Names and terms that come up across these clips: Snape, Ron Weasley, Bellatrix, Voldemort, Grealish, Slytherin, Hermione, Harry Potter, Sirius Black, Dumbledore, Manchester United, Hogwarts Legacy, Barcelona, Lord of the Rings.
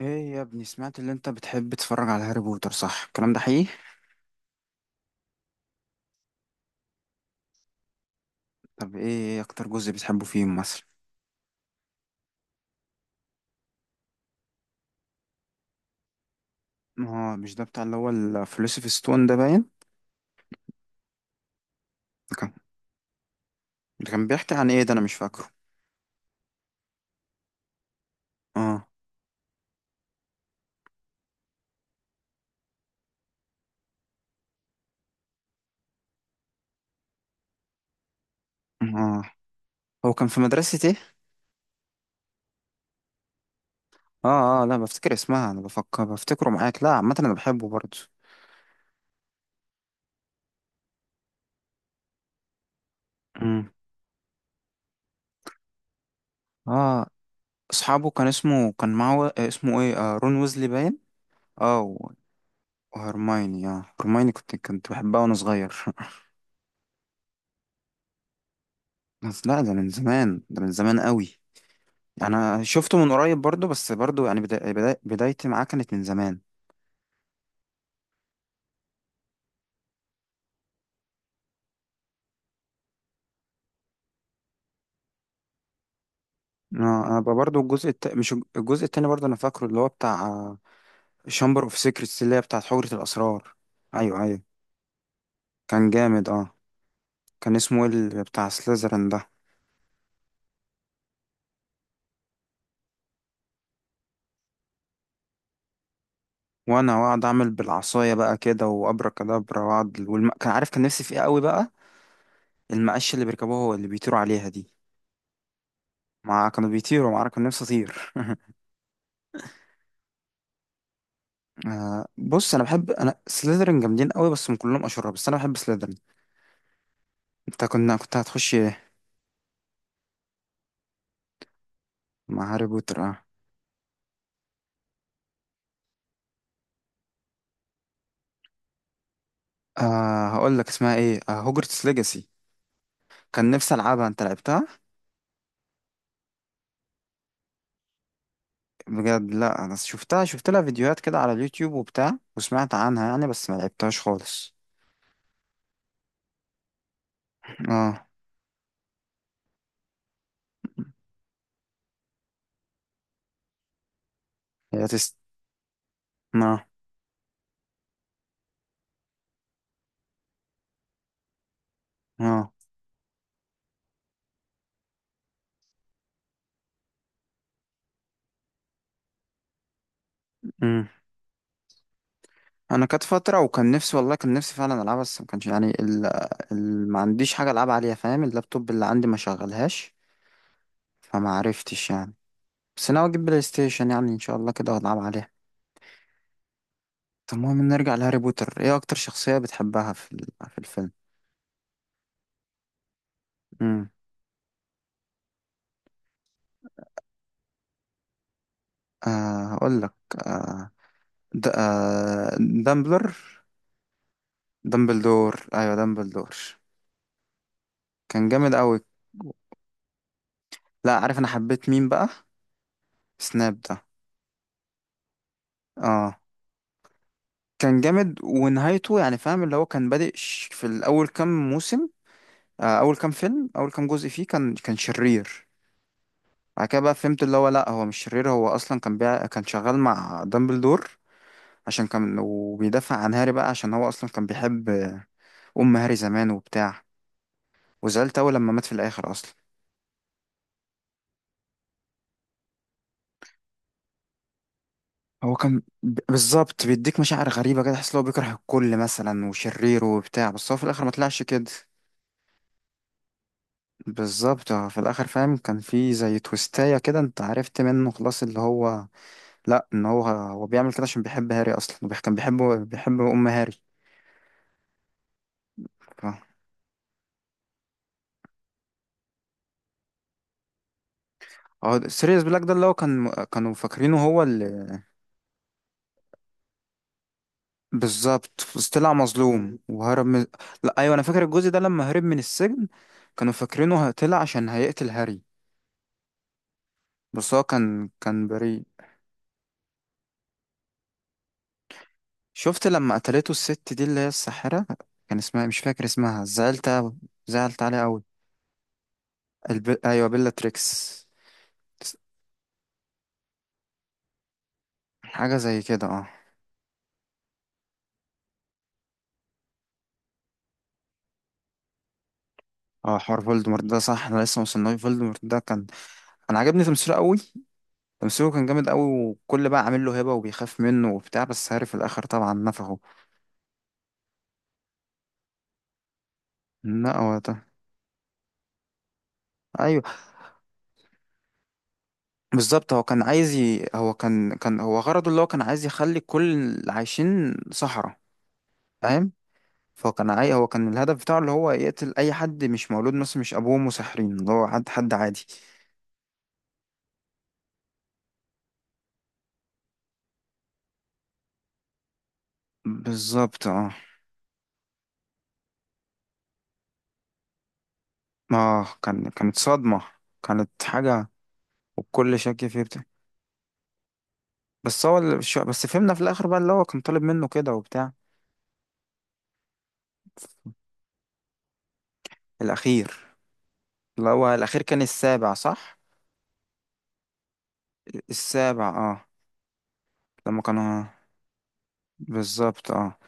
ايه يا ابني، سمعت اللي انت بتحب تتفرج على هاري بوتر، صح؟ الكلام ده حقيقي؟ طب ايه اكتر جزء بتحبه فيهم مثلا؟ اه، مش ده بتاع اللي هو الفيلوسوف ستون ده، باين. ده كان، ده كان بيحكي عن ايه؟ ده انا مش فاكره. اه، اه. هو كان في مدرسة ايه؟ اه، اه، لا، بفتكر اسمها، انا بفكر بفتكره معاك. لا، عامة انا بحبه برضه. امم. اه، اصحابه كان اسمه كان معه آه، اسمه ايه، رون ويزلي باين. اه، وهرمايني. اه هرمايني، كنت بحبها وانا صغير بس لا، ده من زمان، ده من زمان قوي. انا شفته من قريب برضو، بس برضو يعني بدايتي معاه كانت من زمان. انا بقى برضو مش الجزء التاني برضو، انا فاكره اللي هو بتاع شامبر اوف سيكريتس، اللي هي بتاعت حجرة الاسرار. ايوه، ايوه. كان جامد، اه. كان اسمه ايه اللي بتاع سليزرين ده؟ وانا واقعد اعمل بالعصايه بقى كده وابركادابرا واقعد والم... كان عارف كان نفسي في ايه قوي بقى. المقاش اللي بيركبوه هو اللي بيطيروا عليها دي. مع كانوا بيطيروا مع كان نفسي اطير. آه، بص، انا بحب، انا سليزرين جامدين قوي، بس هم كلهم اشرار، بس انا بحب سليزرين. انت كنت هتخش ايه؟ مع هاري بوتر، اه. آه، هقول لك اسمها ايه، آه، هوجرتس ليجاسي. كان نفسي العبها، انت لعبتها؟ بجد؟ لا، انا شفت لها فيديوهات كده على اليوتيوب وبتاع وسمعت عنها يعني، بس ما لعبتهاش خالص. اه، هي تست، اه، اه. امم. انا كانت فتره وكان نفسي، والله كان نفسي فعلا العبها، بس ما كانش يعني ما عنديش حاجه العب عليها، فاهم؟ اللابتوب اللي عندي ما شغلهاش، فما عرفتش يعني. بس انا اجيب بلاي ستيشن يعني ان شاء الله كده والعب عليها. طب المهم، نرجع لهاري بوتر. ايه اكتر شخصية بتحبها في الفيلم؟ امم. آه، هقول لك. آه د... آه دامبلر. دامبلدور، ايوه، دامبلدور. كان جامد قوي. لا، عارف انا حبيت مين بقى؟ سناب ده. اه، كان جامد ونهايته يعني، فاهم؟ اللي هو كان بادئ في الاول كام موسم، آه، اول كام جزء فيه، كان شرير. بعد كده بقى فهمت اللي هو لا، هو مش شرير، هو اصلا كان شغال مع دامبلدور، عشان كان وبيدافع عن هاري بقى، عشان هو اصلا كان بيحب ام هاري زمان وبتاع. وزعلت اوي لما مات في الاخر اصلا. هو كان بالظبط بيديك مشاعر غريبة كده، تحس ان هو بيكره الكل مثلا وشرير وبتاع، بس هو في الآخر ما طلعش كده. بالظبط، هو في الآخر، فاهم؟ كان في زي تويستاية كده، انت عرفت منه خلاص اللي هو لا، ان هو بيعمل كده عشان بيحب هاري اصلا، كان بيحبه، بيحب ام هاري. ف- هو سيريوس بلاك ده اللي هو كانوا فاكرينه هو. بالظبط، بس طلع مظلوم وهرب من... لا، ايوه، انا فاكر الجزء ده لما هرب من السجن. كانوا فاكرينه طلع عشان هيقتل هاري، بس هو كان بريء. شفت لما قتلته الست دي اللي هي الساحرة؟ كان اسمها، مش فاكر اسمها، زعلت عليها قوي. ايوه، بيلا تريكس. حاجة زي كده، اه. اه، حوار فولدمورت ده، صح، انا لسه موصلناش. فولدمورت ده كان، انا عجبني تمثيله قوي. تمثيله كان جامد قوي، وكل بقى عامل له هبة وبيخاف منه وبتاع، بس هاري في الاخر طبعا نفخه. لا هو ده. ايوه. بالظبط، هو كان عايز ي... هو كان هو غرضه اللي هو كان عايز يخلي كل اللي عايشين صحراء، فاهم؟ فهو كان عاي... هو كان الهدف بتاعه اللي هو يقتل اي حد مش مولود مثلا، مش ابوه مسحرين، اللي هو حد عادي. بالظبط، اه. اه، كانت صدمة. كانت حاجة. والكل شك فيه بتاع بس هو اللي... بس فهمنا في الاخر بقى اللي هو كان طالب منه كده وبتاع. الاخير. اللي هو الاخير كان السابع، صح؟ السابع، اه. لما كانوا... بالظبط، اه.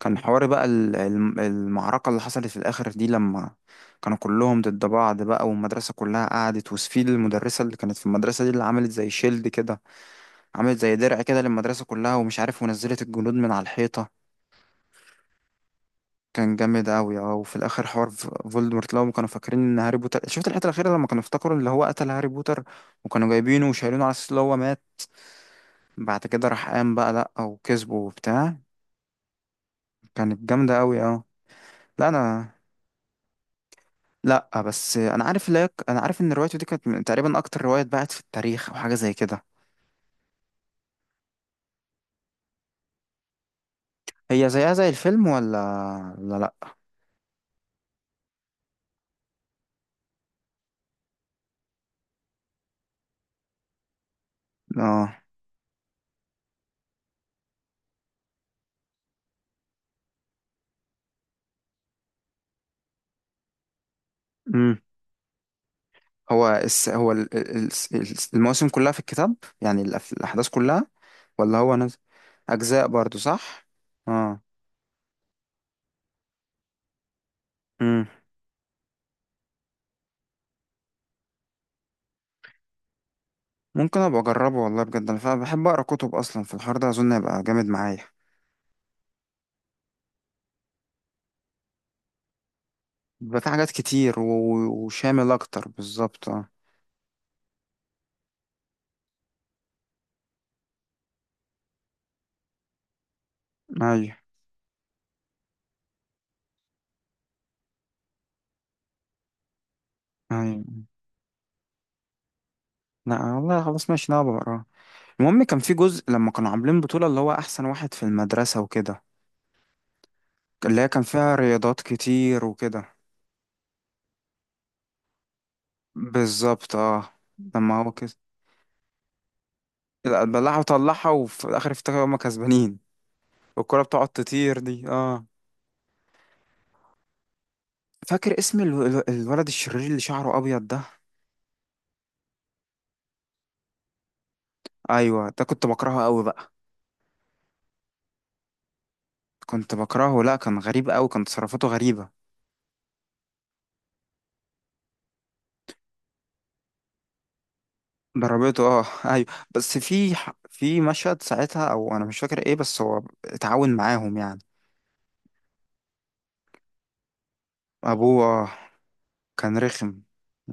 كان حوار بقى المعركة اللي حصلت في الآخر دي، لما كانوا كلهم ضد بعض بقى، والمدرسة كلها قعدت، وسفيد المدرسة اللي كانت في المدرسة دي اللي عملت زي شيلد كده، عملت زي درع كده للمدرسة كلها ومش عارف، ونزلت الجنود من على الحيطة. كان جامد أوي، اه. وفي الآخر حوار فولدمورت، لو كانوا فاكرين إن هاري بوتر... شفت الحتة الأخيرة لما كانوا افتكروا اللي هو قتل هاري بوتر، وكانوا جايبينه وشايلينه على أساس اللي هو مات. بعد كده راح قام بقى، لأ، وكسبه وبتاع. كانت جامدة أوي، اه. لا، أنا... لا، بس انا عارف ان روايته دي كانت تقريبا اكتر روايه اتباعت في التاريخ، او حاجه زي كده. هي زيها زي الفيلم ولا لا؟ لا. اه. امم. هو الس... هو ال... ال- ال- المواسم كلها في الكتاب يعني، الاحداث كلها، ولا هو اجزاء برضو؟ صح. اه. امم. ممكن ابقى اجربه، والله بجد، انا فعلا بحب اقرا كتب، اصلا في الحوار ده اظن هيبقى جامد معايا. بيبقى في حاجات كتير وشامل اكتر، بالظبط، اه. ايوه، ايوه. لا والله، خلاص، ماشي، انا هبقى اقراه. المهم، كان في جزء لما كانوا عاملين بطولة اللي هو أحسن واحد في المدرسة وكده، اللي هي كان فيها رياضات كتير وكده. بالظبط، اه. لما هو كده بلعها وطلعها، وفي الآخر افتكروا هما كسبانين، والكرة بتقعد تطير دي، اه. فاكر اسم الولد الشرير اللي شعره أبيض ده؟ أيوة، ده كنت بكرهه أوي بقى. كنت بكرهه، لأ، كان غريب أوي، كان تصرفاته غريبة. ضربته، اه أيوة، بس في في مشهد ساعتها، أو أنا مش فاكر إيه، بس هو اتعاون معاهم يعني. أبوه، آه. كان رخم.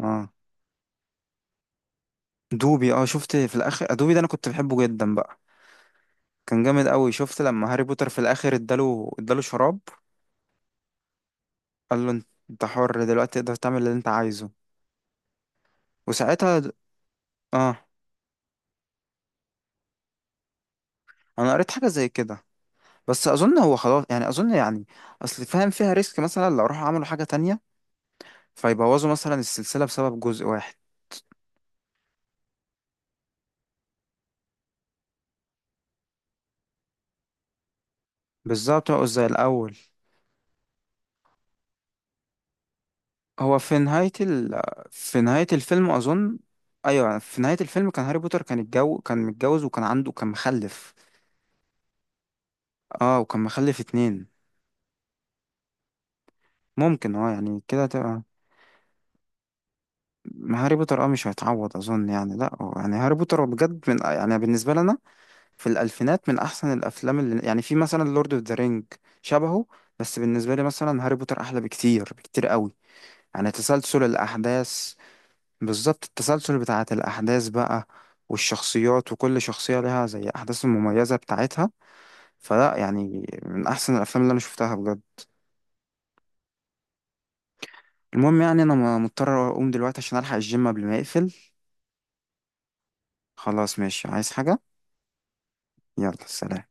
اه. دوبي، اه، شفت في الاخر؟ دوبي ده انا كنت بحبه جدا بقى. كان جامد قوي. شفت لما هاري بوتر في الاخر اداله شراب؟ قال له، انت حر دلوقتي، تقدر تعمل اللي انت عايزه. وساعتها اه. انا قريت حاجه زي كده، بس اظن هو خلاص يعني، اظن يعني اصل فاهم، فيها ريسك مثلا لو راحوا عملوا حاجه تانية فيبوظوا مثلا السلسله بسبب جزء واحد. بالظبط، بقوا زي الاول. هو في نهاية ال... في نهاية الفيلم أظن، أيوة، في نهاية الفيلم كان هاري بوتر، كان الجو كان متجوز، وكان عنده، كان مخلف. اه، وكان مخلف اتنين. ممكن، اه، يعني كده تبقى... ما هاري بوتر، اه، مش هيتعوض أظن يعني، لأ هو يعني، هاري بوتر هو بجد من، يعني بالنسبة لنا في الألفينات، من أحسن الأفلام، اللي يعني في، مثلا لورد اوف ذا رينج شبهه، بس بالنسبة لي مثلا هاري بوتر أحلى بكتير، بكتير قوي. يعني تسلسل الأحداث، بالظبط، التسلسل بتاعة الأحداث بقى، والشخصيات، وكل شخصية لها زي أحداث المميزة بتاعتها. فلا يعني، من أحسن الأفلام اللي أنا شفتها بجد. المهم، يعني أنا مضطر أقوم دلوقتي عشان ألحق الجيم قبل ما يقفل. خلاص ماشي، عايز حاجة؟ يلا سلام.